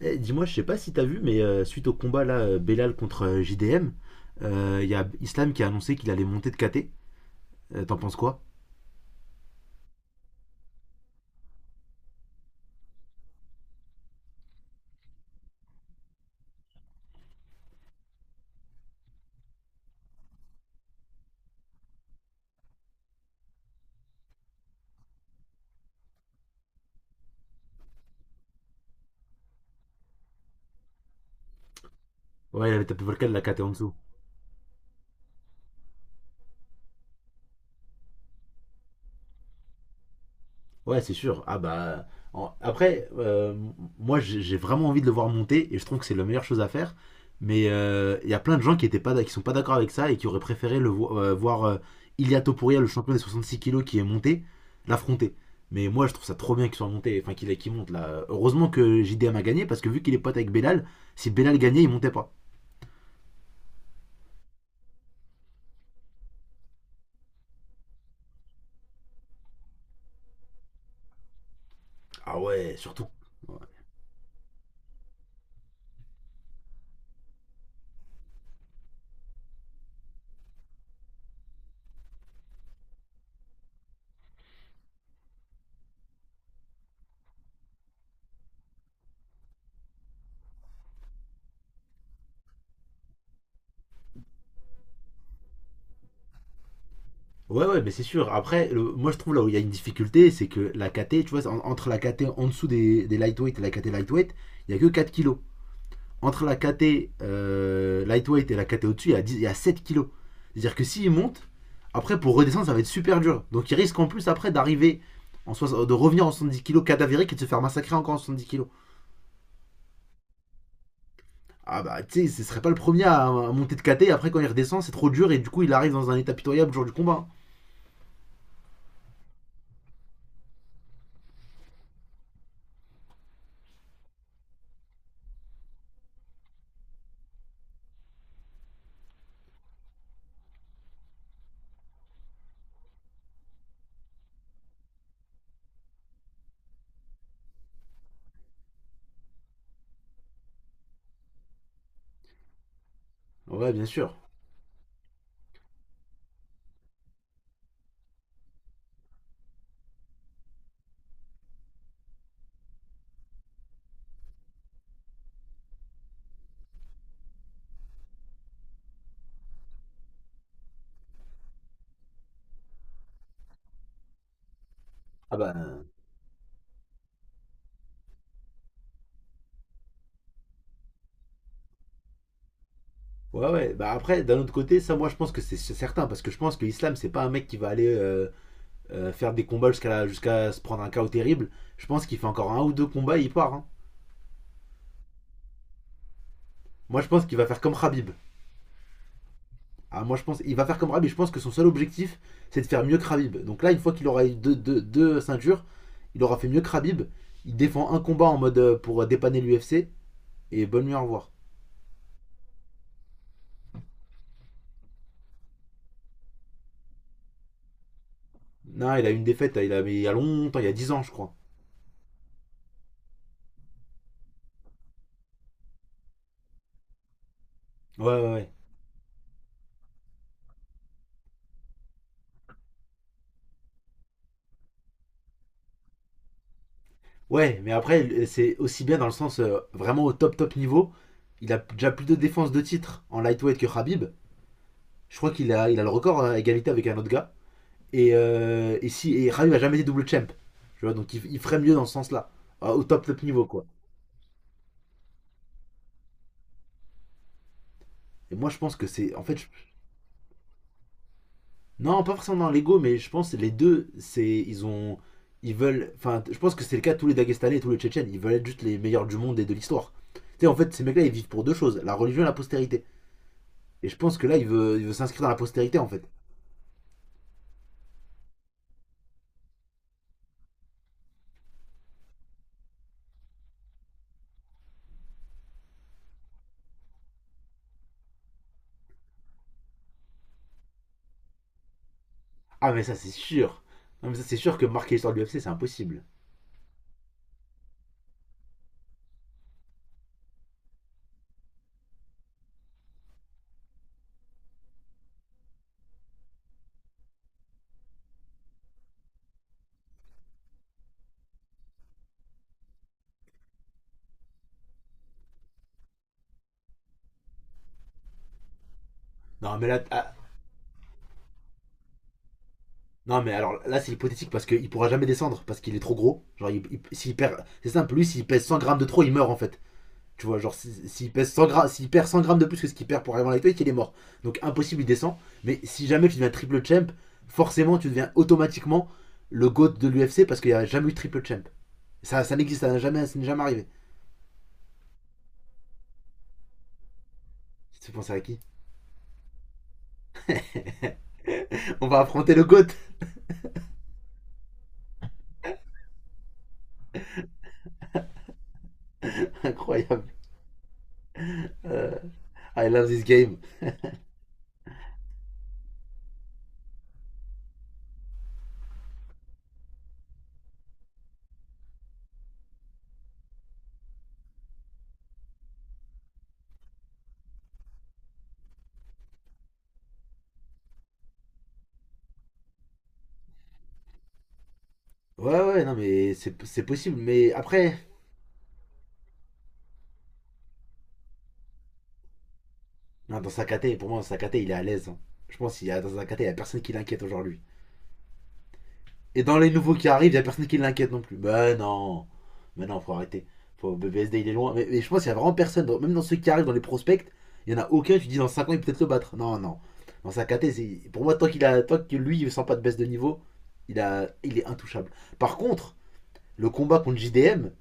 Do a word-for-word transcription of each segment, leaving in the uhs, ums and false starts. Eh, dis-moi, je sais pas si t'as vu, mais euh, suite au combat là, euh, Belal contre euh, J D M, euh, il y a Islam qui a annoncé qu'il allait monter de caté. Euh, T'en penses quoi? Ouais, il avait tapé Volcan de la caté en dessous. Ouais, c'est sûr. Ah bah en- après, euh, moi j'ai j'ai vraiment envie de le voir monter et je trouve que c'est la meilleure chose à faire. Mais euh, il y a plein de gens qui étaient pas d'ac- qui sont pas d'accord avec ça et qui auraient préféré le vo- euh, voir euh, Ilia Topuria, le champion des soixante-six kilos qui est monté, l'affronter. Mais moi je trouve ça trop bien qu'il soit monté, enfin qu'il qu'il monte là. Heureusement que J D M a gagné parce que vu qu'il est pote avec Belal, si Belal gagnait, il montait pas. Ah ouais, surtout. Ouais, ouais, mais c'est sûr. Après, le- moi je trouve là où il y a une difficulté, c'est que la caté, tu vois, en- entre la caté en dessous des des lightweight et la caté lightweight, il n'y a que quatre kilos. Entre la caté euh, lightweight et la caté au-dessus, il y a dix il y a sept kilos. C'est-à-dire que s'il monte, après pour redescendre, ça va être super dur. Donc il risque en plus après d'arriver, en soix- de revenir en soixante-dix kilos cadavérique et de se faire massacrer encore en soixante-dix kilos. Ah bah, tu sais, ce serait pas le premier à, à monter de caté, et après quand il redescend, c'est trop dur et du coup il arrive dans un état pitoyable le jour du combat. Ouais, bien sûr. Ah bah. Ouais, ouais. Bah après, d'un autre côté, ça, moi, je pense que c'est c'est certain. Parce que je pense que l'islam, c'est pas un mec qui va aller euh, euh, faire des combats jusqu'à la- jusqu'à se prendre un chaos terrible. Je pense qu'il fait encore un ou deux combats et il part, hein. Moi, je pense qu'il va faire comme Khabib. Ah, moi, je pense il va faire comme Khabib. Je pense que son seul objectif, c'est de faire mieux que Khabib. Donc là, une fois qu'il aura eu deux, deux- deux ceintures, il aura fait mieux que Khabib. Il défend un combat en mode euh, pour dépanner l'U F C. Et bonne nuit, au revoir. Non, il a eu une défaite il, a, mais il y a longtemps, il y a dix ans, je crois. Ouais, ouais, ouais. Ouais, mais après, c'est aussi bien dans le sens euh, vraiment au top top niveau. Il a déjà plus de défenses de titre en lightweight que Khabib. Je crois qu'il a, il a le record, hein, à égalité avec un autre gars. Et, euh, et si, et Khabib a jamais été double champ. Tu vois, donc il, il ferait mieux dans ce sens-là. Euh, Au top top niveau, quoi. Et moi, je pense que c'est. En fait, je- non, pas forcément dans l'ego, mais je pense que les deux, c'est. Ils ont. Ils veulent. Enfin, je pense que c'est le cas de tous les Dagestanais et tous les Tchétchènes. Ils veulent être juste les meilleurs du monde et de l'histoire. Tu sais, en fait, ces mecs-là, ils vivent pour deux choses: la religion et la postérité. Et je pense que là, il veut, il veut s'inscrire dans la postérité, en fait. Ah, mais ça, c'est sûr. Non, mais ça, c'est sûr que marquer l'histoire de l'U F C, c'est impossible. Non, mais là, ah, non, mais alors là, c'est hypothétique parce qu'il pourra jamais descendre parce qu'il est trop gros. Genre, il, il- s'il perd, c'est simple, lui, s'il pèse cent grammes de trop, il meurt, en fait. Tu vois, genre, s'il si- s'il pèse cent grammes, s'il perd cent grammes de plus que ce qu'il perd pour arriver en lightweight, il est mort. Donc, impossible, il descend. Mais si jamais tu deviens triple champ, forcément, tu deviens automatiquement le GOAT de l'U F C parce qu'il n'y a jamais eu triple champ. Ça, ça n'existe, ça n'a jamais, ça n'est jamais arrivé. Tu penses à qui? On va affronter le GOAT. Incroyable. Euh, I love this game. Ouais, ouais, non, mais c'est c'est possible. Mais après, non, dans Sakate, pour moi, Sakate, il est à l'aise, hein. Je pense qu'il y a dans Sakate, il y a personne qui l'inquiète aujourd'hui. Et dans les nouveaux qui arrivent, il y a personne qui l'inquiète non plus. Bah non. Mais non, faut arrêter. Faut, B B S D, il est loin. Mais, mais je pense qu'il y a vraiment personne, dans- même dans ceux qui arrivent dans les prospects, il y en a aucun. Tu dis dans cinq ans, il peut peut-être le battre. Non, non. Dans Sakate, pour moi, tant, qu'il a, tant que lui, il ne sent pas de baisse de niveau, il, a, il est intouchable. Par contre, le combat contre J D M,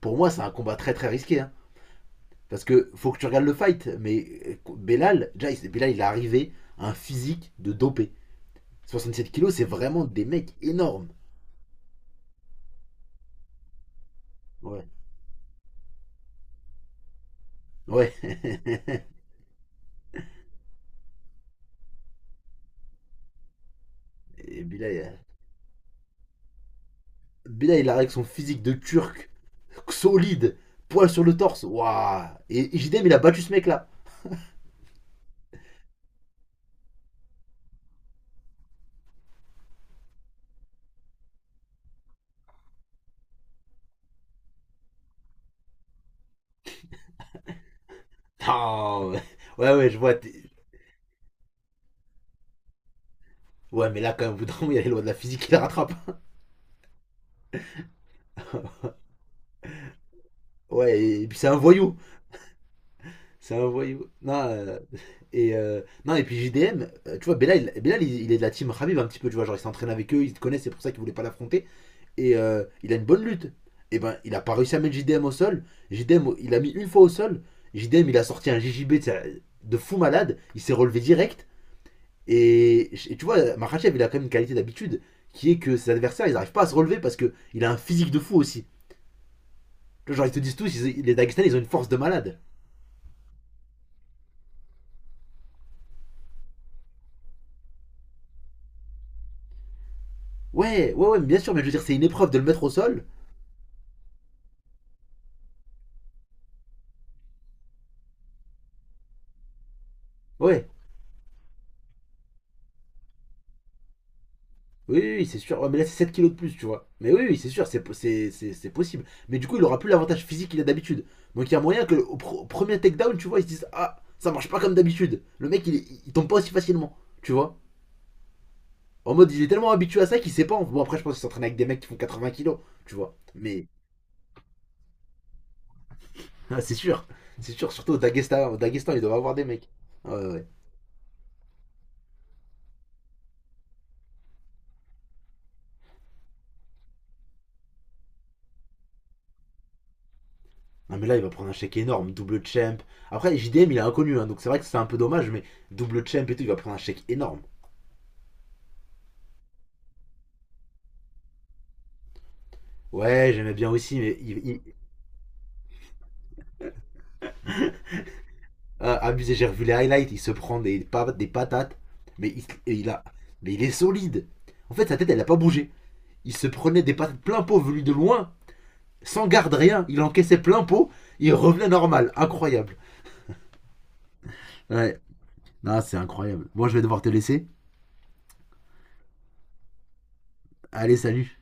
pour moi, c'est un combat très très risqué, hein. Parce que faut que tu regardes le fight, mais euh, Belal, déjà, il- Belal, il est arrivé à un physique de dopé. soixante-sept kilos, c'est vraiment des mecs énormes. Ouais. Ouais. Et Belal, euh, Belal, il arrive avec son physique de turc, solide, poil sur le torse. Waouh. Et J D M, il a battu ce mec-là. Ah, ouais. Ouais, ouais, je vois. Ouais, mais là, quand même, au bout d'un moment, il y a les lois de la physique qui la rattrape. Ouais, et puis c'est un voyou. C'est un voyou. Non, euh, et, euh, non, et puis J D M, euh, tu vois, Bella, il, Belal, il, il est de la team Khabib un petit peu, tu vois, genre il s'entraîne avec eux, ils se connaissent, c'est pour ça qu'il voulait pas l'affronter. Et euh, il a une bonne lutte. Et ben, il a pas réussi à mettre J D M au sol. J D M, il a mis une fois au sol. J D M, il a sorti un J J B, tu sais, de sa- de fou malade, il s'est relevé direct. Et, et tu vois, Makhachev, il a quand même une qualité d'habitude qui est que ses adversaires, ils n'arrivent pas à se relever parce que il a un physique de fou aussi. Genre, ils te disent tous, ils- les Dagestanais, ils ont une force de malade. Ouais, ouais, ouais, mais bien sûr, mais je veux dire, c'est une épreuve de le mettre au sol. Ouais, oui, oui, oui, c'est sûr. Ouais, mais là, c'est sept kilos de plus, tu vois. Mais oui, oui, c'est sûr, c'est po- c'est- c'est- c'est possible. Mais du coup, il aura plus l'avantage physique qu'il a d'habitude. Donc, il y a moyen que au pro- au premier takedown, tu vois, ils se disent: ah, ça marche pas comme d'habitude. Le mec, il, il tombe pas aussi facilement, tu vois. En mode, il est tellement habitué à ça qu'il sait pas. Bon, après, je pense qu'il s'entraîne avec des mecs qui font quatre-vingts kilos, tu vois. Mais ah, c'est sûr, c'est sûr, surtout au Daghestan, au Daghestan, il doit avoir des mecs. Ouais, ouais. Ouais. Non, mais là, il va prendre un chèque énorme, double champ. Après, J D M, il est inconnu, hein, donc c'est vrai que c'est un peu dommage, mais double champ et tout, il va prendre un chèque énorme. Ouais, j'aimais bien aussi, mais il, il- euh, abusé, j'ai revu les highlights, il se prend des, pa- des patates, mais il, et il a, mais il est solide. En fait, sa tête, elle n'a pas bougé. Il se prenait des patates plein pot venues de loin, sans garde rien, il encaissait plein pot, il revenait normal, incroyable. Ouais, non, c'est incroyable. Moi, je vais devoir te laisser. Allez, salut.